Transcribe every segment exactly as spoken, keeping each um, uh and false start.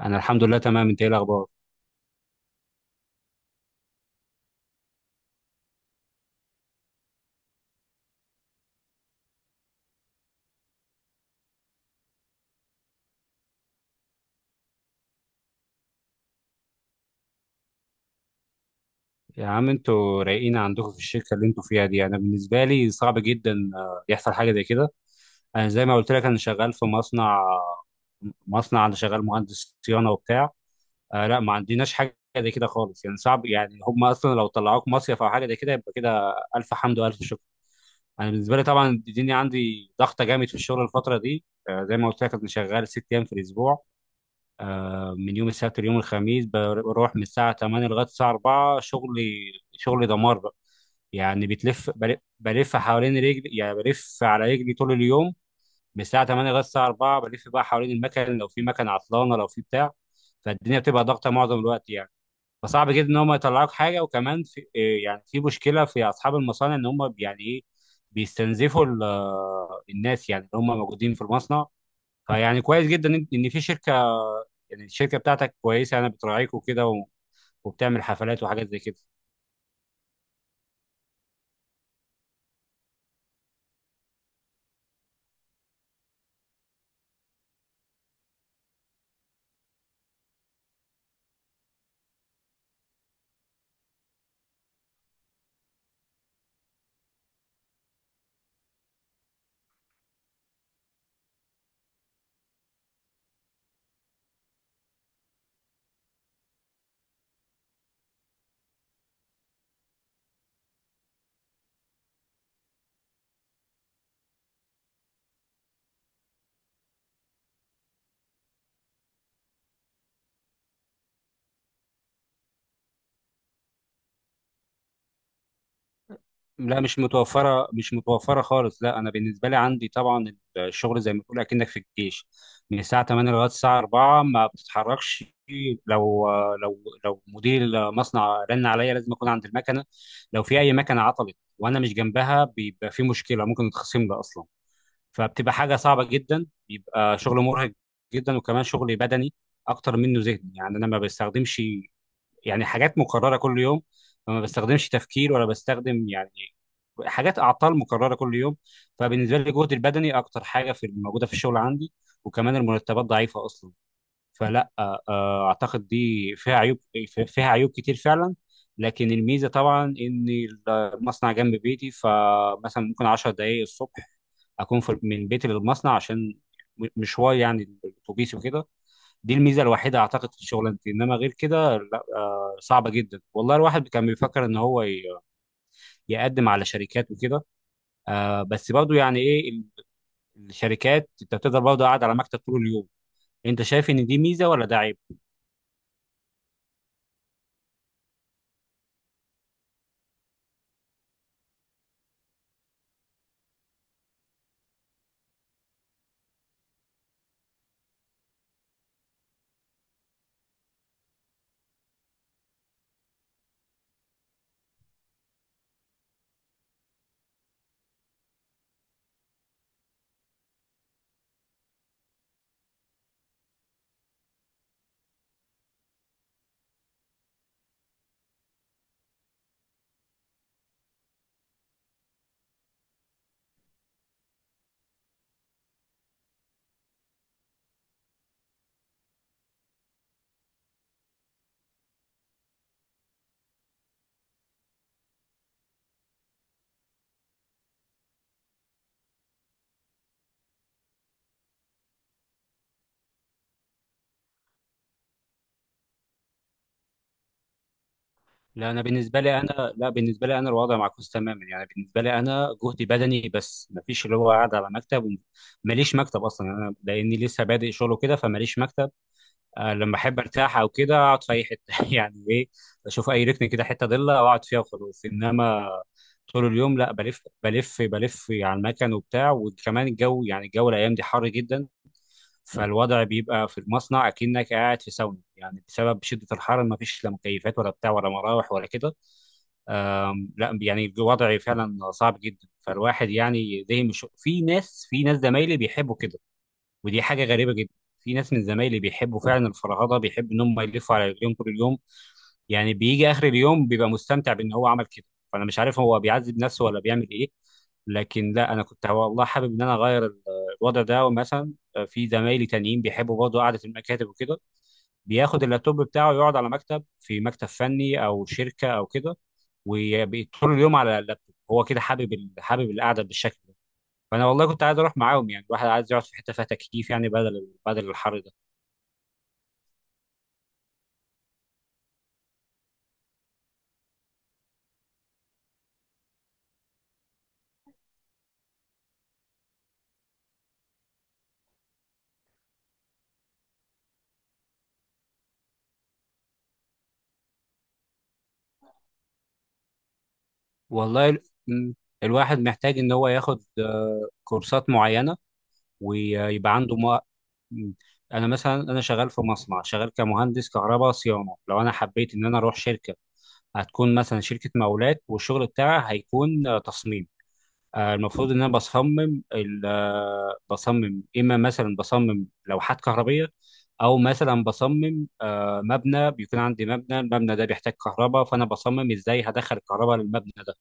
انا الحمد لله تمام. انت ايه الاخبار؟ يا عم انتوا رايقين عندكم في الشركه اللي انتوا فيها دي. انا بالنسبه لي صعب جدا آه، يحصل حاجه زي كده. انا زي ما قلت لك انا شغال في مصنع. مصنع، انا شغال مهندس صيانه وبتاع. آه، لا، ما عندناش حاجه زي كده خالص، يعني صعب، يعني هم اصلا لو طلعوك مصيف او حاجه زي كده يبقى كده الف حمد والف شكر. انا بالنسبه لي طبعا الدنيا عندي ضغطه جامد في الشغل الفتره دي. آه زي ما قلت لك انا شغال ست ايام في الاسبوع. آه، من يوم السبت ليوم الخميس بر- بروح من الساعة تمانية لغاية الساعة اربعة. شغلي شغلي دمار بقى. يعني بتلف بل- بلف حوالين رجلي، يعني بلف على رجلي طول اليوم. من الساعة تمانية لغاية الساعة اربعة بلف بقى حوالين المكن، لو في مكن عطلانة، لو في بتاع. فالدنيا بتبقى ضغطة معظم الوقت يعني. فصعب جدا ان هم يطلعوك حاجة. وكمان في إيه؟ يعني في مشكلة في اصحاب المصانع، ان هم يعني ايه، بيستنزفوا ال- الناس يعني اللي هم موجودين في المصنع. فيعني كويس جدا ان إن في شركة، يعني الشركه بتاعتك كويسه، يعني بتراعيك وكده و- وبتعمل حفلات وحاجات زي كده. لا، مش متوفره مش متوفره خالص. لا انا بالنسبه لي عندي طبعا الشغل زي ما تقول اكنك في الجيش من الساعه تمانية لغايه الساعه اربعة ما بتتحركش. لو لو لو مدير مصنع رن عليا لازم اكون عند المكنه. لو في اي مكنه عطلت وانا مش جنبها، بيبقى في مشكله ممكن نتخصم لي اصلا. فبتبقى حاجه صعبه جدا، بيبقى شغل مرهق جدا. وكمان شغل بدني اكتر منه ذهني، يعني انا ما بستخدمش، يعني حاجات مكررة كل يوم. فما بستخدمش تفكير ولا بستخدم يعني حاجات أعطال مكررة كل يوم. فبالنسبة لي الجهد البدني أكتر حاجة في موجودة في الشغل عندي. وكمان المرتبات ضعيفة أصلا. فلا، آه، آه، أعتقد دي فيها عيوب، في- فيها عيوب كتير فعلا. لكن الميزة طبعا إن المصنع جنب بيتي، فمثلا ممكن عشر دقايق الصبح أكون في من بيتي للمصنع، عشان م- مشوار يعني الأتوبيس وكده. دي الميزه الوحيده اعتقد في شغلانتي، انما غير كده لا. آه صعبه جدا والله. الواحد كان بيفكر ان هو ي- يقدم على شركات وكده. آه بس برضه، يعني ايه ال- الشركات؟ انت بتقدر برضه قاعد على مكتب طول اليوم. انت شايف ان دي ميزه ولا ده عيب؟ لا انا بالنسبه لي انا لا بالنسبه لي انا الوضع معكوس تماما. يعني بالنسبه لي انا جهدي بدني بس، مفيش اللي هو قاعد على مكتب. وماليش مكتب اصلا، انا لاني لسه بادئ شغله كده فماليش مكتب. آه، لما احب ارتاح او كده اقعد في اي حته يعني ايه، اشوف اي ركن كده حته ضله واقعد فيها وخلاص. انما طول اليوم لا، بلف بلف بلف على المكن وبتاع. وكمان الجو، يعني الجو الايام دي حر جدا. فالوضع بيبقى في المصنع اكنك قاعد في ساونا، يعني بسبب شده الحر. ما فيش لا مكيفات ولا بتاع ولا مراوح ولا كده. لا يعني الوضع فعلا صعب جدا. فالواحد يعني، ده مش في ناس في ناس زمايلي بيحبوا كده، ودي حاجه غريبه جدا. في ناس من زمايلي بيحبوا فعلا الفرهده، بيحبوا ان هم يلفوا على رجليهم طول اليوم. يعني بيجي اخر اليوم بيبقى مستمتع بان هو عمل كده. فانا مش عارف هو بيعذب نفسه ولا بيعمل ايه. لكن لا، انا كنت والله حابب ان انا اغير ال- الوضع ده. ومثلا في زمايلي تانيين بيحبوا برضه قعده المكاتب وكده، بياخد اللابتوب بتاعه يقعد على مكتب في مكتب فني او شركه او كده، وطول اليوم على اللابتوب. هو كده حابب ال- حابب القعده بالشكل ده. فانا والله كنت عايز اروح معاهم، يعني الواحد عايز يقعد في حته فيها تكييف، يعني بدل بدل الحر ده. والله ال- م- الواحد محتاج ان هو ياخد آه، كورسات معينه، ويبقى عنده مو... م- انا مثلا انا شغال في مصنع، شغال كمهندس كهرباء صيانه. لو انا حبيت ان انا اروح شركه، هتكون مثلا شركه مقاولات والشغل بتاعها هيكون آه، تصميم. آه، المفروض ان انا بصمم ال- آه، بصمم اما مثلا بصمم لوحات كهربيه، او مثلا بصمم آه، مبنى. بيكون عندي مبنى المبنى ده بيحتاج كهرباء، فانا بصمم ازاي هدخل الكهرباء للمبنى ده.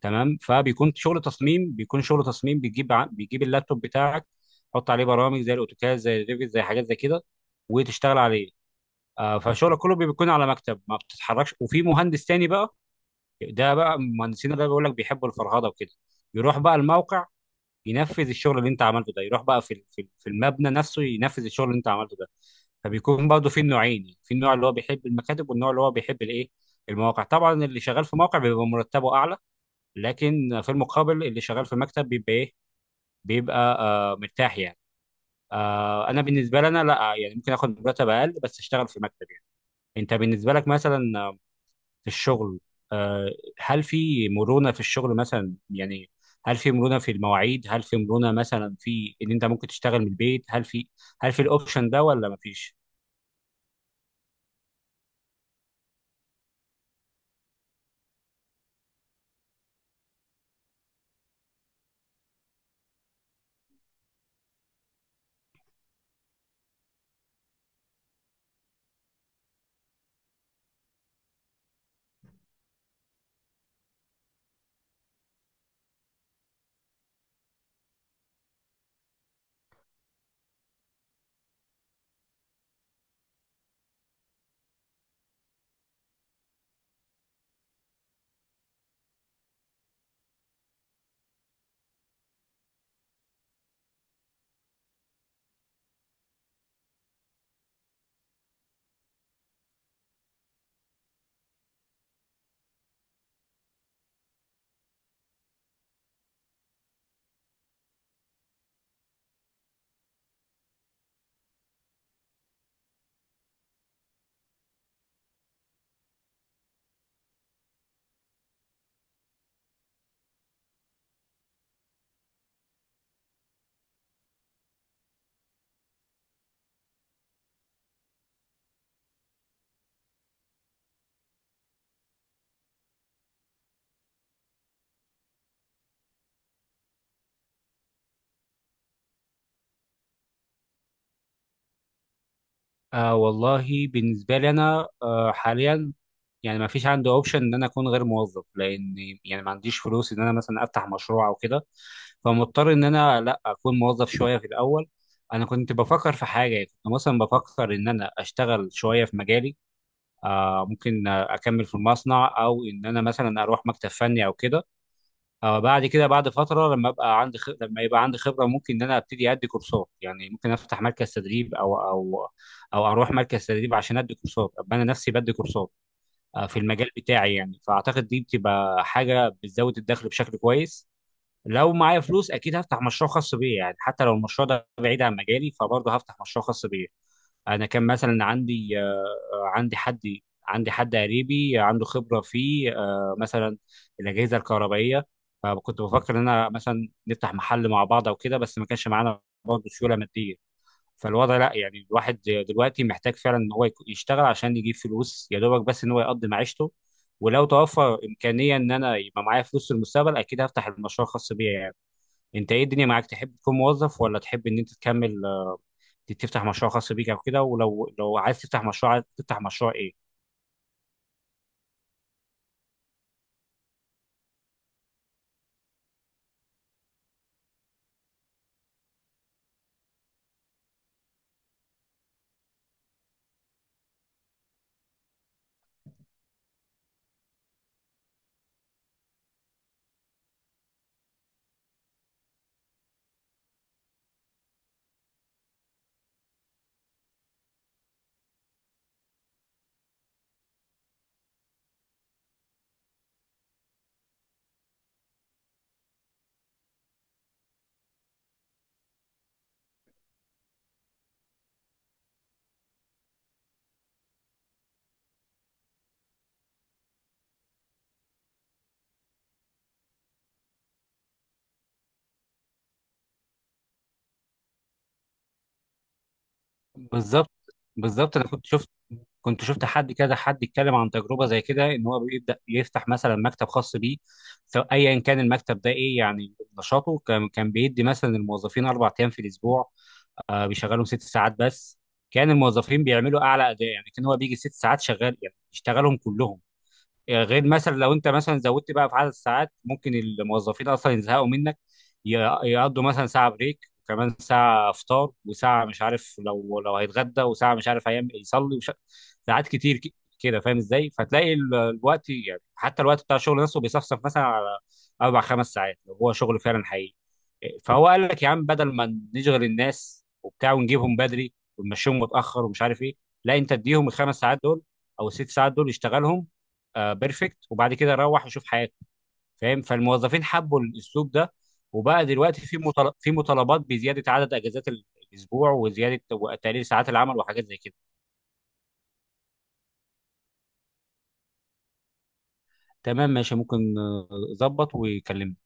تمام. فبيكون شغل تصميم، بيكون شغل تصميم بتجيب ع- بتجيب اللابتوب بتاعك، تحط عليه برامج زي الاوتوكاد، زي الريفيت، زي حاجات زي كده، وتشتغل عليه. آه، فشغلك كله بيكون على مكتب، ما بتتحركش. وفي مهندس تاني بقى، ده بقى المهندسين ده بيقول لك بيحبوا الفرهده وكده، يروح بقى الموقع، ينفذ الشغل اللي انت عملته ده، يروح بقى في في في المبنى نفسه ينفذ الشغل اللي انت عملته ده. فبيكون برضه في نوعين، يعني في النوع اللي هو بيحب المكاتب، والنوع اللي هو بيحب الايه، المواقع. طبعا اللي شغال في موقع بيبقى مرتبه اعلى، لكن في المقابل اللي شغال في مكتب بيبقى ايه، بيبقى آه مرتاح يعني. آه انا بالنسبه لي انا لا، يعني ممكن اخد مرتب اقل بس اشتغل في مكتب يعني. انت بالنسبه لك مثلا، في الشغل، آه، هل في مرونة في الشغل مثلا يعني؟ هل في مرونة في المواعيد؟ هل في مرونة مثلا في ان انت ممكن تشتغل من البيت؟ هل في، هل في الاوبشن ده ولا مفيش؟ آه والله بالنسبة لي انا آه حاليا، يعني ما فيش عندي اوبشن ان انا اكون غير موظف، لان يعني ما عنديش فلوس ان انا مثلا افتح مشروع او كده. فمضطر ان انا لا اكون موظف شويه في الاول. انا كنت بفكر في حاجه، كنت مثلا بفكر ان انا اشتغل شويه في مجالي، آه، ممكن آه، اكمل في المصنع او ان انا مثلا اروح مكتب فني او كده. آه، بعد كده بعد فتره، لما ابقى عندي خ... لما يبقى عندي خبره ممكن ان انا ابتدي ادي كورسات، يعني ممكن افتح مركز تدريب او او او اروح مركز تدريب عشان ادي كورسات ابقى انا نفسي بدي كورسات، آه، في المجال بتاعي يعني. فاعتقد دي بتبقى حاجه بتزود الدخل بشكل كويس. لو معايا فلوس اكيد هفتح مشروع خاص بيا يعني. حتى لو المشروع ده بعيد عن مجالي، فبرضه هفتح مشروع خاص بيا. انا كان مثلا عندي آه، عندي حد عندي حد قريبي عنده خبره في آه، مثلا الاجهزه الكهربائيه. فكنت بفكر ان انا مثلا نفتح محل مع بعض او كده، بس ما كانش معانا برضه سيوله ماديه. فالوضع لا، يعني الواحد دلوقتي محتاج فعلا ان هو يك- يشتغل عشان يجيب فلوس يا دوبك، بس ان هو يقضي معيشته. ولو توفر امكانيه ان انا يبقى معايا فلوس في المستقبل، اكيد هفتح المشروع الخاص بيا يعني. انت ايه، الدنيا معاك؟ تحب تكون موظف ولا تحب ان انت تكمل تفتح مشروع خاص بيك او كده؟ ولو لو عايز تفتح مشروع، عايز تفتح مشروع ايه؟ بالظبط. بالظبط انا كنت شفت كنت شفت حد كده، حد يتكلم عن تجربه زي كده ان هو بيبدا يفتح مثلا مكتب خاص بيه، سواء ايا كان المكتب ده ايه يعني نشاطه، كان كان بيدي مثلا الموظفين اربع ايام في الاسبوع، آه بيشغلهم ست ساعات بس. كان الموظفين بيعملوا اعلى اداء، يعني كان هو بيجي ست ساعات شغال يعني يشتغلهم كلهم. يعني غير مثلا لو انت مثلا زودت بقى في عدد الساعات، ممكن الموظفين اصلا يزهقوا منك، ي- يقضوا مثلا ساعه بريك، وكمان ساعه فطار، وساعه مش عارف لو لو هيتغدى، وساعه مش عارف هيعمل يصلي وش... ساعات كتير ك- كده فاهم ازاي. فتلاقي ال- الوقت، يعني حتى الوقت بتاع الشغل نفسه بيصفصف مثلا على اربع خمس ساعات لو هو شغل فعلا حقيقي. فهو قال لك يا عم، بدل ما نشغل الناس وبتاع ونجيبهم بدري ونمشيهم متاخر ومش عارف ايه، لا انت اديهم الخمس ساعات دول او الست ساعات دول يشتغلهم. آه بيرفكت، وبعد كده روح وشوف حياتك. فاهم؟ فالموظفين حبوا الاسلوب ده، وبقى دلوقتي في مطل... في مطالبات بزياده عدد اجازات ال- الاسبوع، وزياده وتقليل ساعات العمل وحاجات زي كده. تمام، ماشي، ممكن آه، ظبط وكلمني.